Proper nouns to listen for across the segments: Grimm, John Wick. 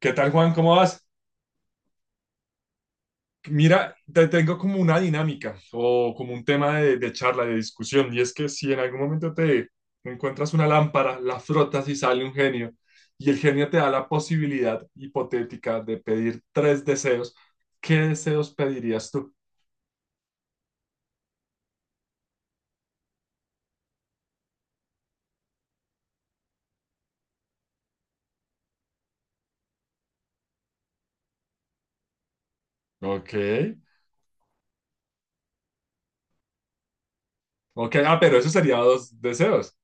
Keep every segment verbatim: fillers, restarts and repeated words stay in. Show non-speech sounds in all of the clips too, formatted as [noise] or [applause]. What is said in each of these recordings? ¿Qué tal, Juan? ¿Cómo vas? Mira, te tengo como una dinámica o como un tema de, de charla, de discusión, y es que si en algún momento te encuentras una lámpara, la frotas y sale un genio, y el genio te da la posibilidad hipotética de pedir tres deseos. ¿Qué deseos pedirías tú? Ok. Ok, ah, pero eso sería dos deseos.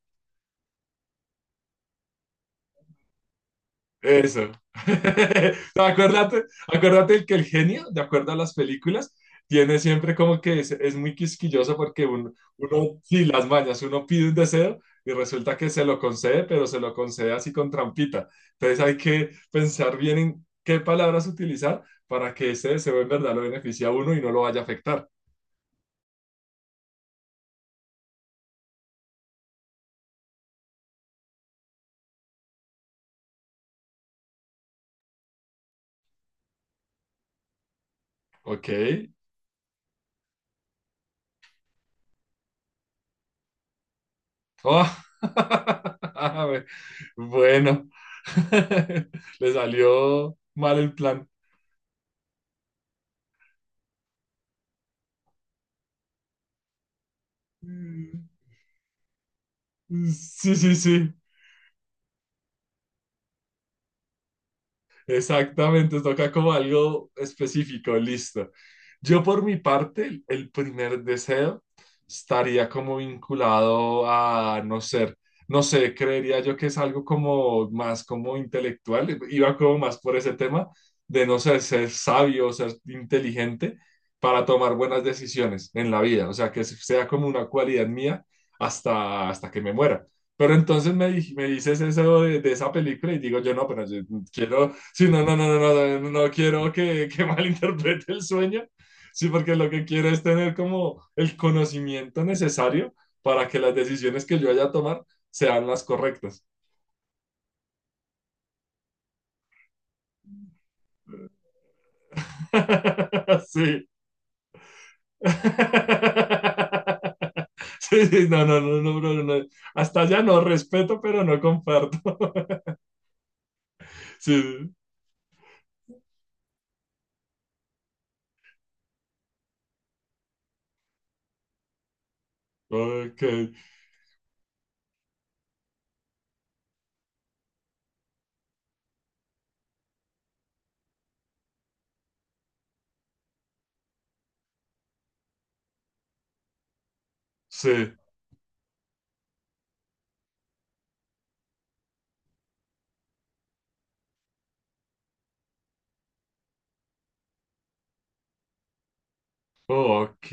Eso. [laughs] No, acuérdate, acuérdate que el genio, de acuerdo a las películas, tiene siempre como que es, es muy quisquilloso porque uno, uno, sí, las mañas, uno pide un deseo y resulta que se lo concede, pero se lo concede así con trampita. Entonces hay que pensar bien en qué palabras utilizar para que ese deseo en verdad lo beneficie a uno y no lo vaya a afectar. ¿Ok? Oh. [laughs] Bueno, [laughs] le salió mal el plan. Sí, sí, sí. Exactamente, toca como algo específico, listo. Yo por mi parte, el el primer deseo estaría como vinculado a no ser, no sé, creería yo que es algo como más como intelectual, iba como más por ese tema de no ser, ser sabio, ser inteligente para tomar buenas decisiones en la vida, o sea, que sea como una cualidad mía hasta, hasta que me muera. Pero entonces me, di- me dices eso de, de esa película y digo yo, no, pero yo quiero. Sí, no, no, no, no, no, no, no quiero que, que [laughs] malinterprete el sueño. Sí, porque lo que quiero es tener como el conocimiento necesario para que las decisiones que yo vaya a tomar sean las correctas. [laughs] Sí. [laughs] Sí, sí, no, no, no, no, no, no. Hasta allá no respeto, pero no comparto. [laughs] Sí, sí. Ok, sí, ok.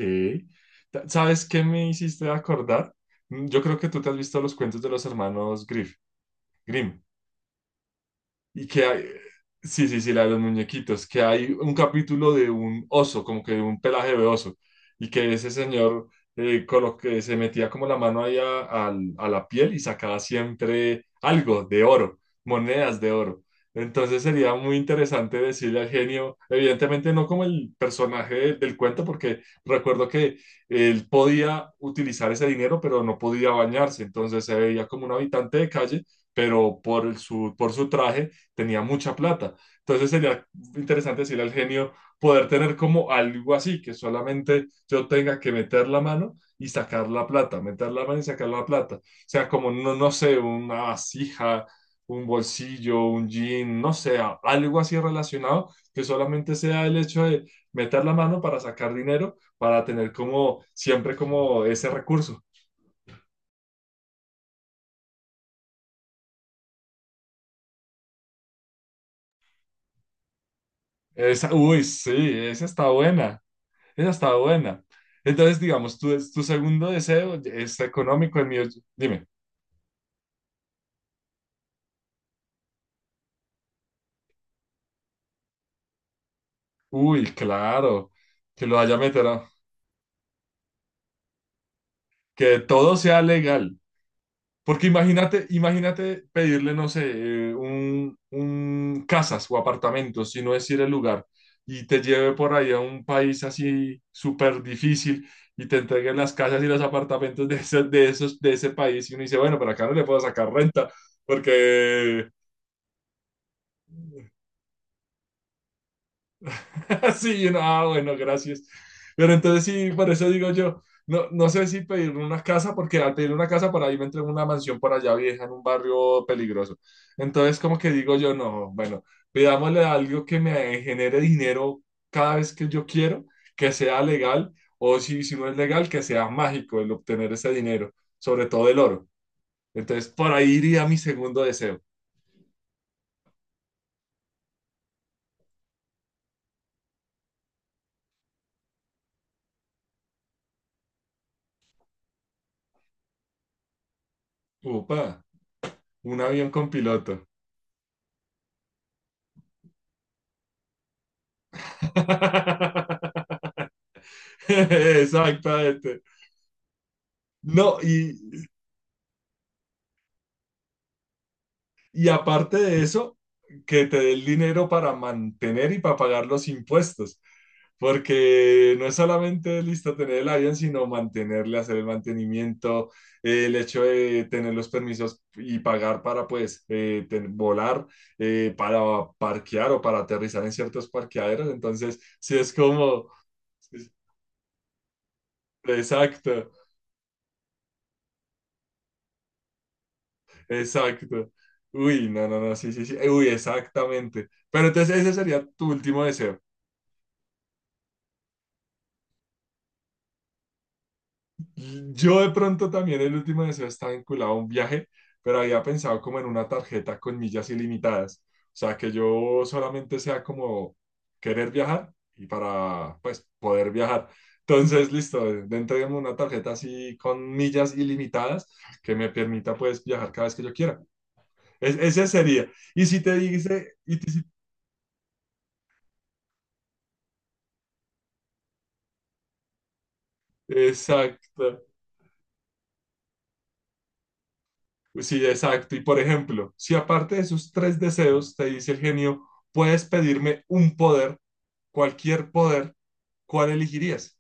Ta- ¿Sabes qué me hiciste acordar? Mm, Yo creo que tú te has visto los cuentos de los hermanos Griff, Grimm. Y que hay, sí, sí, sí, la de los muñequitos, que hay un capítulo de un oso, como que de un pelaje de oso, y que ese señor eh, con lo que se metía como la mano ahí a, al- a la piel y sacaba siempre algo de oro, monedas de oro. Entonces sería muy interesante decirle al genio, evidentemente no como el personaje del, del cuento, porque recuerdo que él podía utilizar ese dinero, pero no podía bañarse, entonces se veía como un habitante de calle, pero por el- su, por su traje tenía mucha plata. Entonces sería interesante decirle al genio poder tener como algo así, que solamente yo tenga que meter la mano y sacar la plata, meter la mano y sacar la plata. O sea, como, no, no sé, una vasija, un bolsillo, un jean, no sé, a- algo así relacionado, que solamente sea el hecho de meter la mano para sacar dinero, para tener como siempre como ese recurso. Esa, uy, sí, esa está buena. Esa estaba buena. Entonces, digamos, tu, tu segundo deseo es económico, el mío. Dime. Uy, claro, que lo haya metido, que todo sea legal. Porque imagínate, imagínate pedirle, no sé, eh, un, un casas o apartamentos, si no es ir el lugar, y te lleve por ahí a un país así súper difícil y te entreguen las casas y los apartamentos de, ese- de, esos, de ese país. Y uno dice, bueno, pero acá no le puedo sacar renta porque [laughs] sí, yo no, ah, bueno, gracias. Pero entonces sí, por eso digo yo, no, no sé si pedir una casa, porque al pedir una casa para ahí me entré en una mansión por allá vieja, en un barrio peligroso. Entonces como que digo yo, no, bueno, pidámosle algo que me genere dinero cada vez que yo quiero, que sea legal, o si, si no es legal, que sea mágico el obtener ese dinero, sobre todo el oro. Entonces por ahí iría mi segundo deseo. Upa, un avión con piloto. [laughs] [laughs] Exactamente. No, y, y aparte de eso, que te dé el dinero para mantener y para pagar los impuestos. Porque no es solamente listo tener el avión, sino mantenerle, hacer el mantenimiento, eh, el hecho de tener los permisos y pagar para pues eh, ten- volar, eh, para parquear o para aterrizar en ciertos parqueaderos. Entonces, sí es como, exacto. Exacto. Uy, no, no, no, sí, sí, sí. Eh, uy, exactamente. Pero entonces ese sería tu último deseo. Yo de pronto también el último deseo está vinculado a un viaje, pero había pensado como en una tarjeta con millas ilimitadas. O sea, que yo solamente sea como querer viajar y para, pues, poder viajar. Entonces, listo, dentro de una tarjeta así con millas ilimitadas que me permita, pues, viajar cada vez que yo quiera. Es- ese sería. Y si te dice, y si- exacto. Pues sí, exacto. Y por ejemplo, si aparte de esos tres deseos, te dice el genio, puedes pedirme un poder, cualquier poder, ¿cuál elegirías?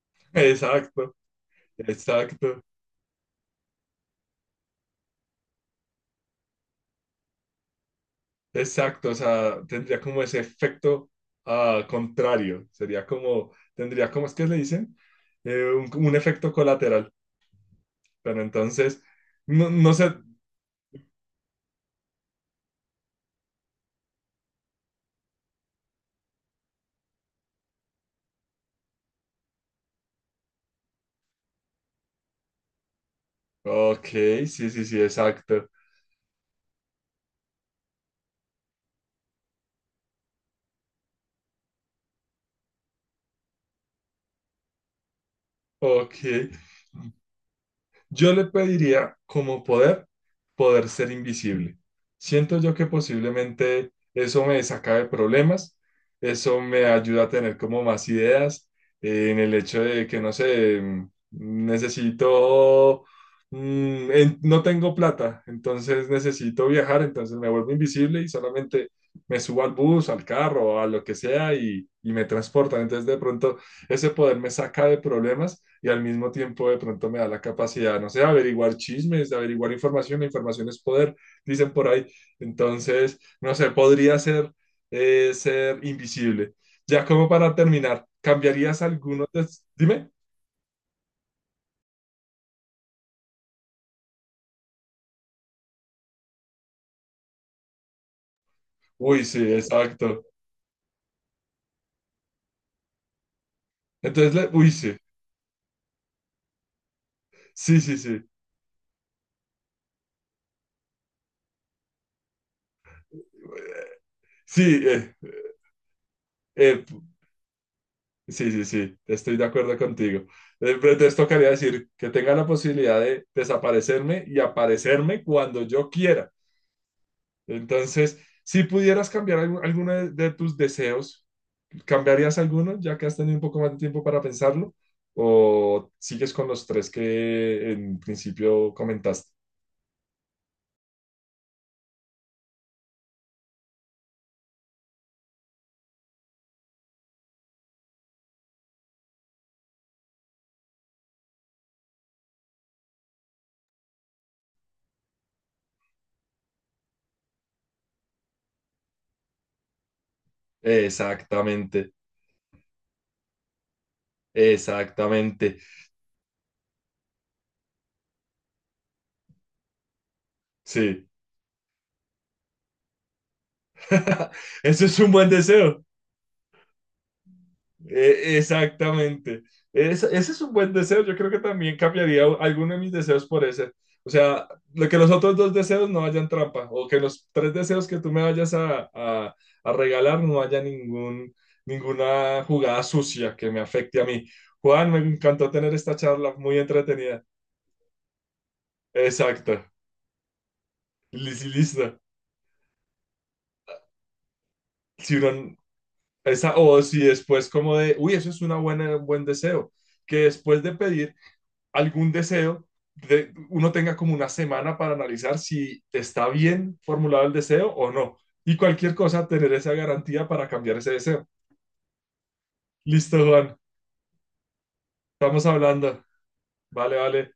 [laughs] Exacto, exacto, exacto. O sea, tendría como ese efecto ah, contrario. Sería como, tendría como, es que le dicen, Eh, un, un efecto colateral. Pero entonces, no, no sé. Ok, sí, sí, sí, exacto. Ok. Yo le pediría como poder, poder ser invisible. Siento yo que posiblemente eso me saca de problemas, eso me ayuda a tener como más ideas eh, en el hecho de que, no sé, mm, necesito, mm, en- no tengo plata, entonces necesito viajar, entonces me vuelvo invisible y solamente me subo al bus, al carro, a lo que sea y, y me transportan. Entonces de pronto ese poder me saca de problemas y al mismo tiempo de pronto me da la capacidad, no sé, de averiguar chismes, de averiguar información, la información es poder, dicen por ahí. Entonces, no sé, podría ser, eh, ser invisible. Ya como para terminar, ¿cambiarías alguno? de- Dime. Uy, sí, exacto. Entonces, le- uy, sí, sí, sí, sí. Sí, eh, eh, sí, sí, sí, estoy de acuerdo contigo. Eh, pero entonces tocaría decir que tenga la posibilidad de desaparecerme y aparecerme cuando yo quiera. Entonces, si pudieras cambiar algu- alguno de, de tus deseos, ¿cambiarías alguno ya que has tenido un poco más de tiempo para pensarlo? ¿O sigues con los tres que en principio comentaste? Exactamente, exactamente. Sí, [laughs] ese es un buen deseo. Eh, exactamente. Es- ese es un buen deseo. Yo creo que también cambiaría alguno de mis deseos por ese. O sea, lo que los otros dos deseos no hayan trampa o que los tres deseos que tú me vayas a, a- a regalar no haya ningún, ninguna jugada sucia que me afecte a mí. Juan, me encantó tener esta charla muy entretenida. Exacto. Lis- Listo. Si uno- esa, o si después como de, uy, eso es una buena, un buen deseo, que después de pedir algún deseo, de- uno tenga como una semana para analizar si está bien formulado el deseo o no. Y cualquier cosa, tener esa garantía para cambiar ese deseo. Listo, Juan. Estamos hablando. Vale, vale.